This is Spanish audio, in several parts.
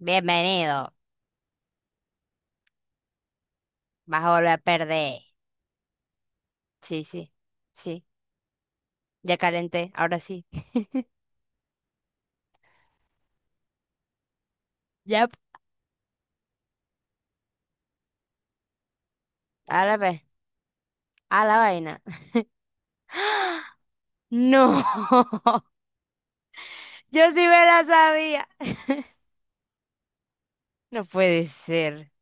Bienvenido. Vas a volver a perder. Sí, sí, sí. Ya calenté, ahora sí. Ya, ahora ve. A la vaina. No, yo sí me la sabía. No puede ser.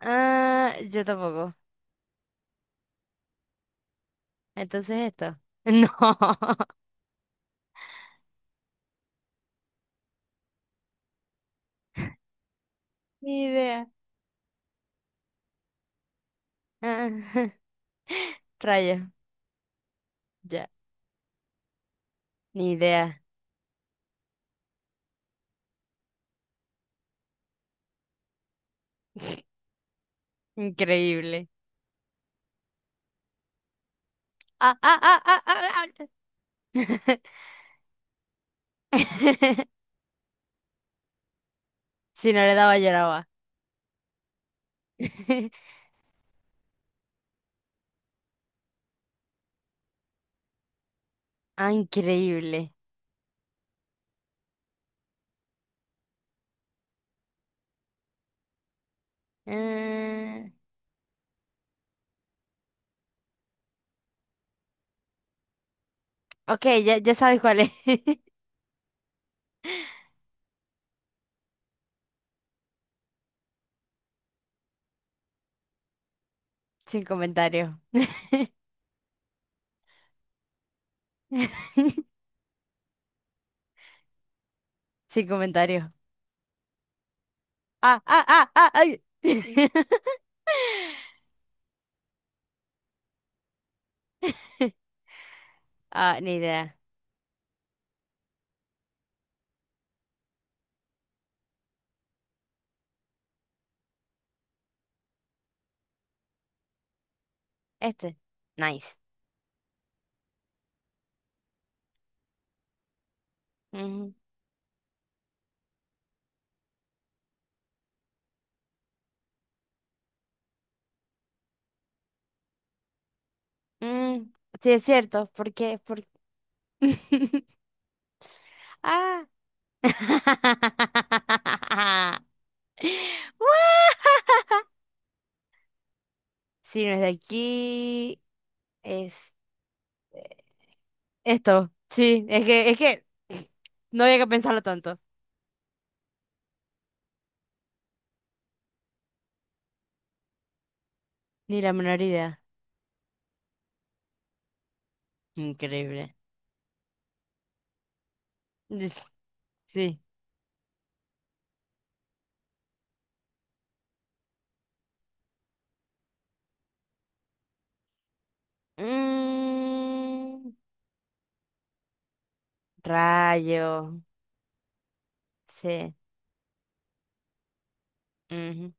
Ah, yo tampoco. Entonces esto. No, ni idea. Ah, Rayo, ya. Ni idea. Increíble. Ah, ah, ah, ah, ah, ah. Si no le daba, lloraba. Ah, increíble. Ah. Ok, ya, ya sabes cuál es. Sin comentario. Sin comentario. Ah, ah, ah, ah, ay. Ah, ni idea. Este. Nice. Ujú. Mm, sí, es cierto. ¿Por qué? ¿Por Ah. Si no es de aquí, es esto. Sí, es que no había que pensarlo tanto. Ni la menor idea. Increíble. Sí. Mm, rayo. Sí. Ujú.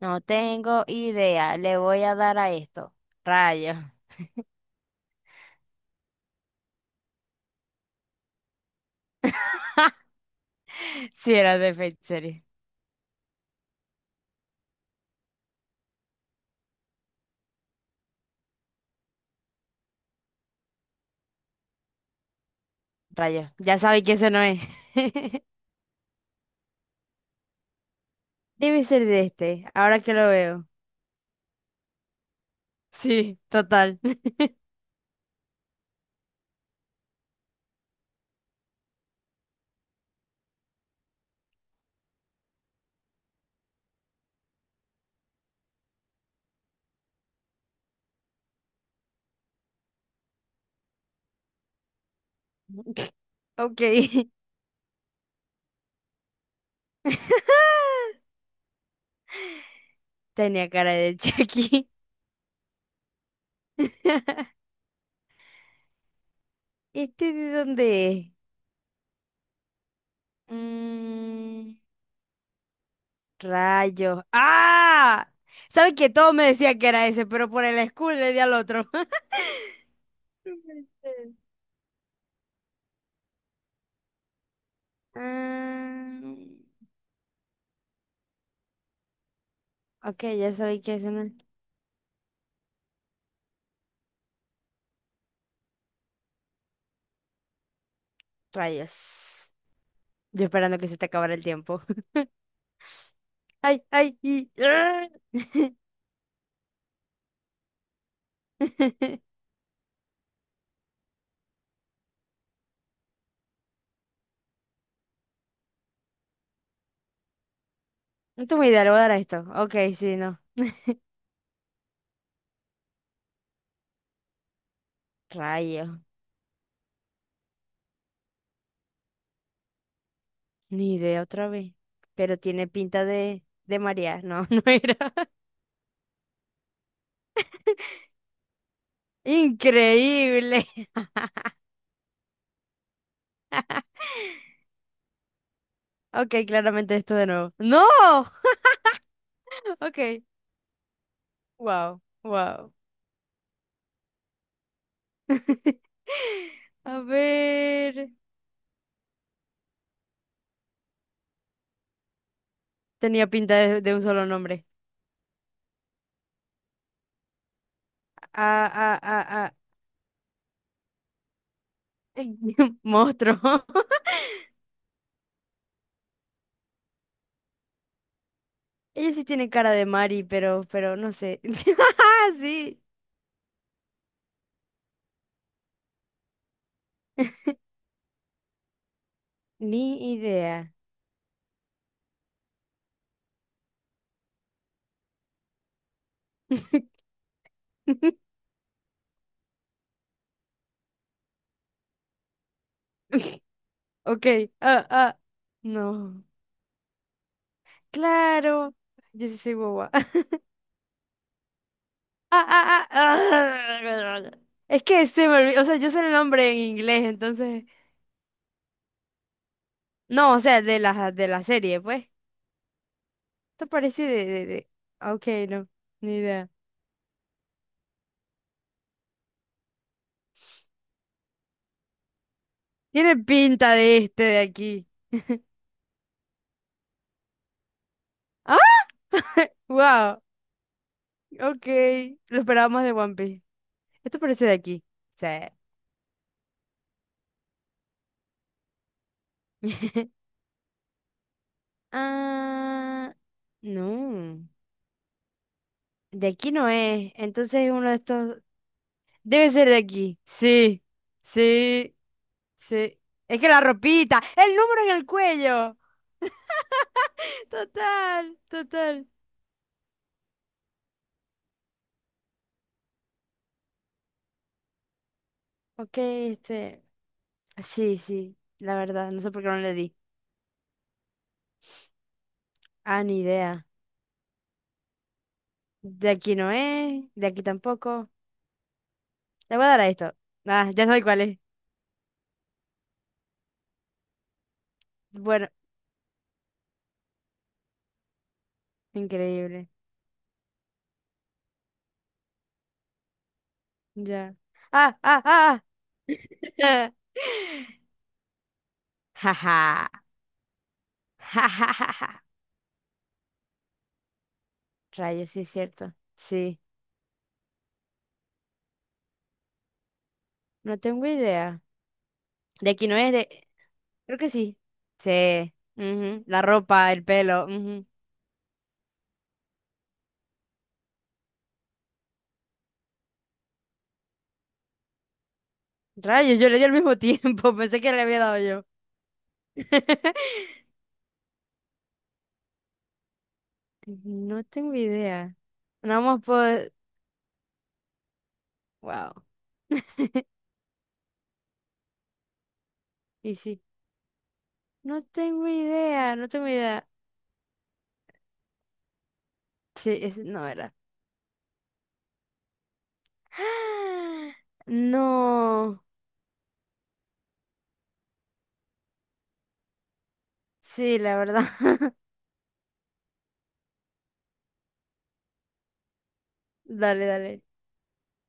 No tengo idea. Le voy a dar a esto. Rayo. Si era de Fate Series. Rayo. Ya sabéis que ese no es. Debe ser de este, ahora que lo veo. Sí, total. Ok. Tenía cara de Chucky. ¿Este de dónde es? Mm, Rayos. ¡Ah! ¿Sabes que todos me decían que era ese, pero por el school le di al otro? No puede ser. Ah, ok, ya sabéis que es no. Rayos. Yo esperando que se te acabara el tiempo. ¡Ay, ay! Y... ¡Ah! No tengo idea, le voy a dar a esto. Ok, sí, no. Rayos. Ni idea otra vez. Pero tiene pinta de María. No, no era. Increíble. Ok, claramente esto de nuevo. ¡No! Ok. Wow, wow. A ver. Tenía pinta de un solo nombre. Ah, ah, ah, ah. Monstruo. Ella sí tiene cara de Mari, pero no sé. Sí, ni idea. Ok, ah, ah. No. Claro. Yo sí soy boba. Ah, ah, ah, ah. Es que se me olvidó, o sea, yo sé el nombre en inglés, entonces. No, o sea, de la serie, pues. Esto parece de Ah, Ok, no, ni idea. Tiene pinta de este de aquí. ¡Ah! ¡Wow! Ok, lo esperábamos de One Piece. Esto parece de aquí. Sí. Ah, no. De aquí no es. Entonces es uno de estos. Debe ser de aquí. Sí, sí, sí. Es que la ropita, el número en el cuello. Total, total. Ok, este. Sí, sí, la verdad, no sé por qué no le di. Ah, ni idea. De aquí no es, de aquí tampoco. Le voy a dar a esto. Ah, ya sabes cuál es. Bueno, increíble. Ya. Ah, ah, ah. ah. Jaja. Jajajaja. Rayos, sí es cierto. Sí, no tengo idea. De aquí no es de... Creo que sí. Sí. Ujú, la ropa, el pelo. Ujú. Rayos, yo le di al mismo tiempo. Pensé que le había dado yo. No tengo idea. No vamos a Wow. Y sí. No tengo idea, no tengo idea. Sí, es, no era. No. Sí, la verdad. Dale, dale.